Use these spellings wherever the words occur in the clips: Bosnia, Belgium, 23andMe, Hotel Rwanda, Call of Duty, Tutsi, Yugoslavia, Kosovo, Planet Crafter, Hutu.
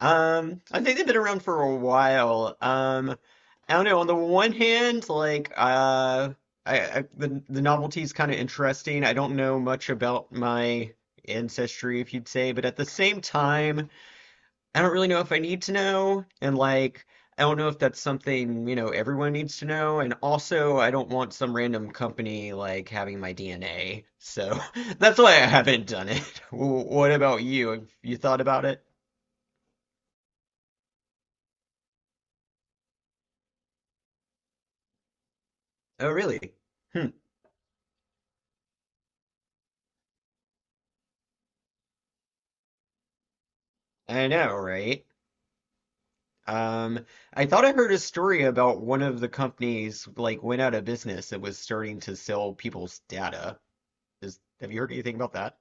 I think they've been around for a while. I don't know. On the one hand, like, I the novelty is kind of interesting. I don't know much about my ancestry, if you'd say, but at the same time, I don't really know if I need to know, and like, I don't know if that's something, everyone needs to know, and also I don't want some random company like having my DNA. So that's why I haven't done it. What about you? Have you thought about it? Oh, really? Hmm. I know, right? Um, I thought I heard a story about one of the companies like went out of business that was starting to sell people's data. Have you heard anything about that?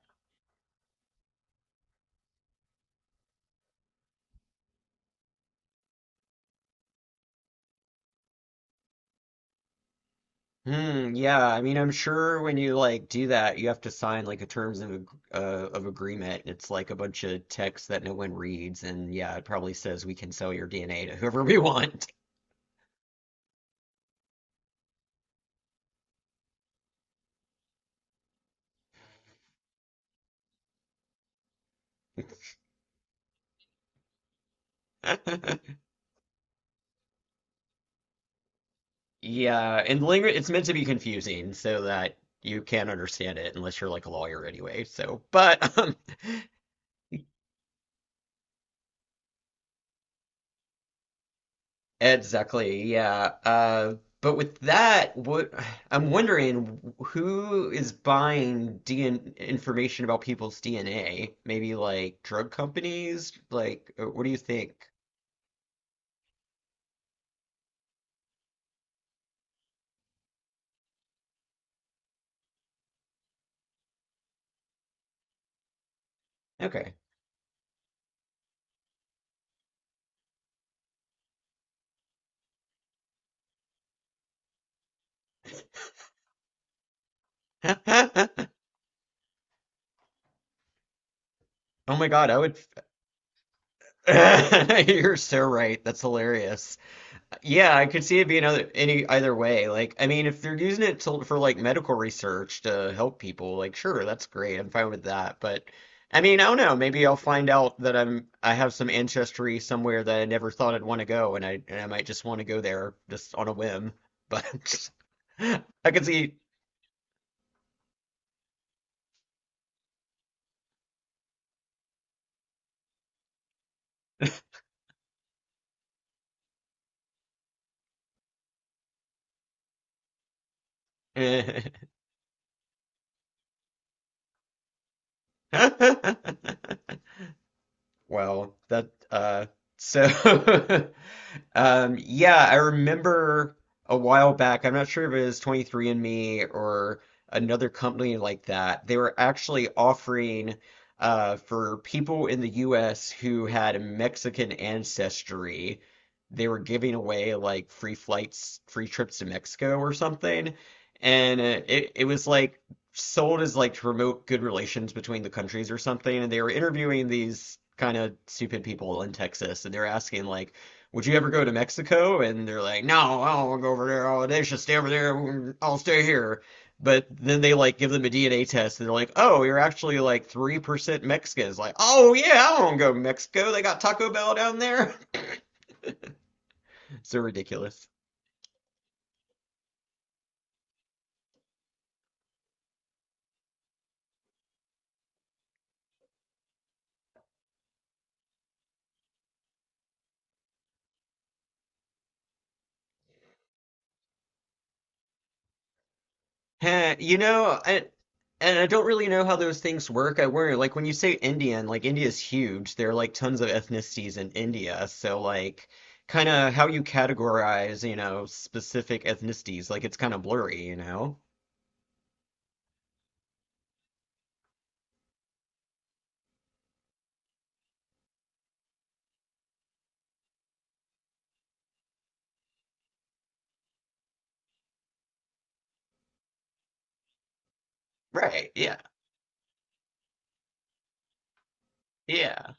Hmm, yeah, I mean, I'm sure when you like do that, you have to sign like a terms of of agreement. It's like a bunch of text that no one reads, and yeah, it probably says we can sell your DNA to whoever we want. Yeah, and language it's meant to be confusing so that you can't understand it unless you're like a lawyer anyway. So, but exactly, yeah. But with that, what I'm wondering who is buying DN information about people's DNA? Maybe like drug companies? Like, what do you think? Okay. Oh my God, I would. You're so right. That's hilarious. Yeah, I could see it being other any either way. Like, I mean, if they're using it for like medical research to help people, like, sure, that's great. I'm fine with that. But I mean, I don't know. Maybe I'll find out that I have some ancestry somewhere that I never thought I'd want to go, and I might just want to go there just on a whim. But I could see. Well, that so yeah, I remember a while back, I'm not sure if it was 23andMe or another company like that. They were actually offering for people in the US who had Mexican ancestry, they were giving away like free flights, free trips to Mexico or something. And it was like sold as like to promote good relations between the countries or something. And they were interviewing these kind of stupid people in Texas, and they're asking like, "Would you ever go to Mexico?" And they're like, "No, I don't want to go over there. Oh, they should stay over there. I'll stay here." But then they like give them a DNA test, and they're like, "Oh, you're actually like 3% Mexican." It's like, "Oh yeah, I don't want to go to Mexico. They got Taco Bell down there." So ridiculous. Heh, you know, and I don't really know how those things work. I worry, like when you say Indian, like India's huge. There are like tons of ethnicities in India, so like kind of how you categorize, specific ethnicities, like it's kind of blurry, you know? Right. Yeah. Yeah.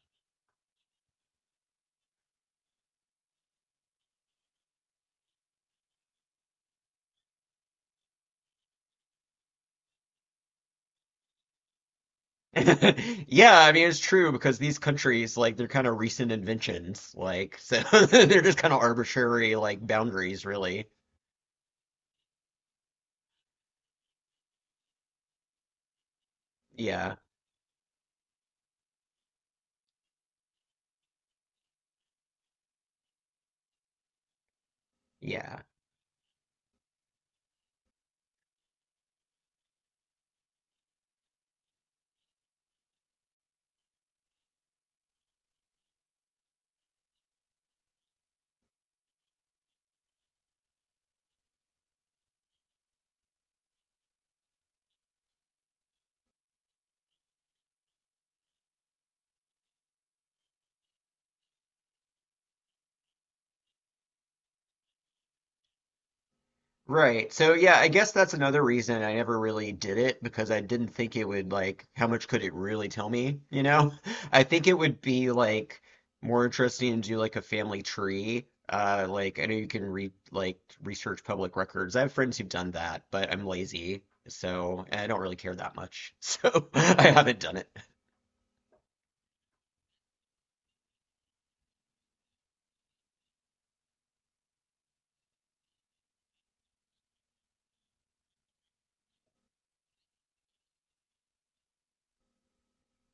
Yeah, I mean it's true because these countries like they're kind of recent inventions, like so they're just kind of arbitrary like boundaries, really. Yeah. Yeah. Right. So yeah, I guess that's another reason I never really did it because I didn't think it would like how much could it really tell me, you know? I think it would be like more interesting to do like a family tree. Like I know you can read like research public records. I have friends who've done that, but I'm lazy, so and I don't really care that much. So I haven't done it.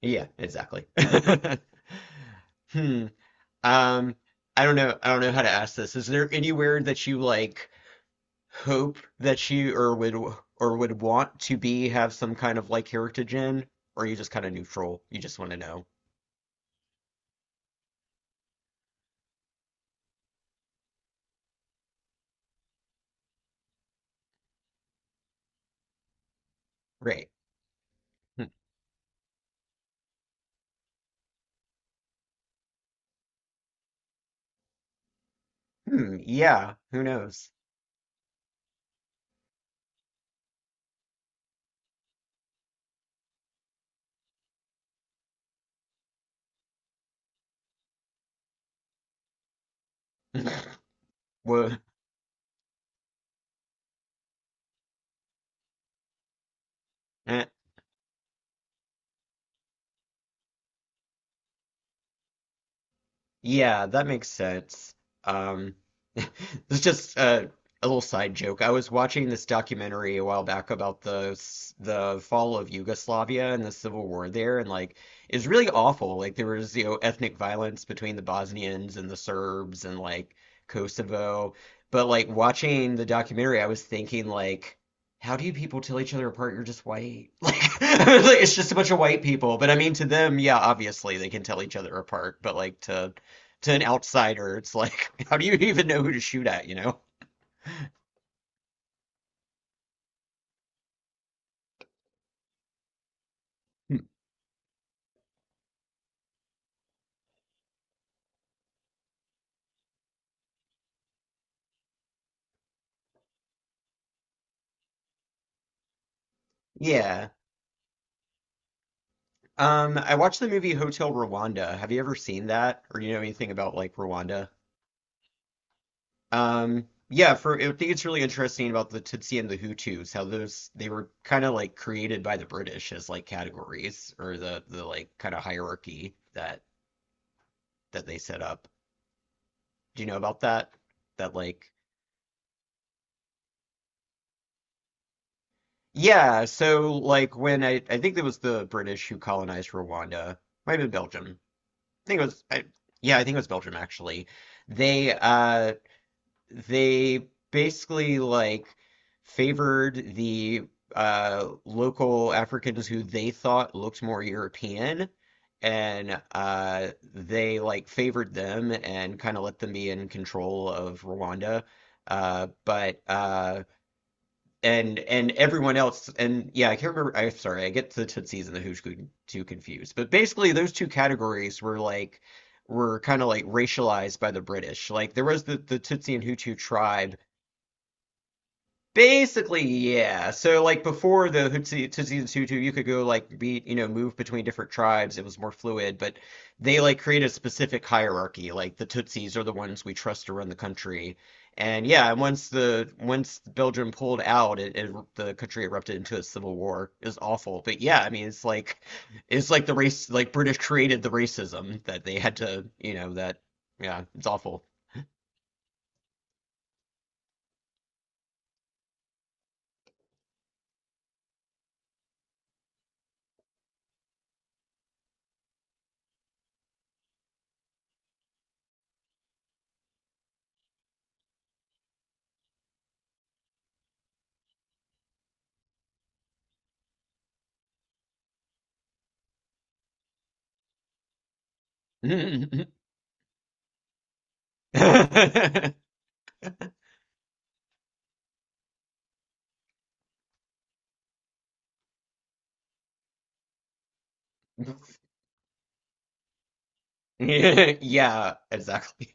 Yeah, exactly. Hmm. Um I don't know how to ask this. Is there anywhere that you like hope that she or would want to be have some kind of like heritage in, or are you just kind of neutral? You just want to know. Great. Hmm. Hmm. Yeah. Who knows? Well, yeah, that makes sense. Um, this is just a little side joke. I was watching this documentary a while back about the fall of Yugoslavia and the civil war there, and like it's really awful. Like there was, ethnic violence between the Bosnians and the Serbs and like Kosovo. But like watching the documentary, I was thinking like, how do you people tell each other apart? You're just white. Like it's just a bunch of white people. But I mean, to them, yeah, obviously they can tell each other apart. But like to an outsider, it's like, how do you even know who to shoot at, you know? Yeah. I watched the movie Hotel Rwanda. Have you ever seen that? Or do you know anything about like Rwanda? Yeah, for I think it's really interesting about the Tutsi and the Hutus, how those they were kind of like created by the British as like categories or the like kind of hierarchy that that they set up. Do you know about that? That like yeah, so like when I think it was the British who colonized Rwanda, might have been Belgium. Think it was yeah, I think it was Belgium actually. They uh they basically like favored the local Africans who they thought looked more European, and they like favored them and kind of let them be in control of Rwanda. But and everyone else. And yeah, I can't remember. I'm sorry. I get the Tootsies and the too confused. But basically those two categories were kind of like racialized by the British. Like there was the Tootsie and Hutu tribe. Basically, yeah. So like before the Hutsi Tutsi and Hutu, you could go like be move between different tribes. It was more fluid, but they like create a specific hierarchy. Like the Tutsis are the ones we trust to run the country. And yeah, and once Belgium pulled out, it the country erupted into a civil war. It was awful. But yeah, I mean it's like the race like British created the racism that they had to you know that yeah it's awful. Yeah, exactly.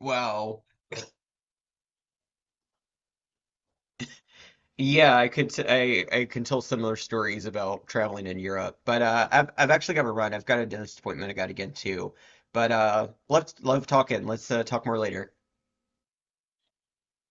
Wow. Yeah, I could t I can tell similar stories about traveling in Europe, but I've actually got to run. I've got a dentist appointment I got to get to, but let's love talking. Let's talk more later.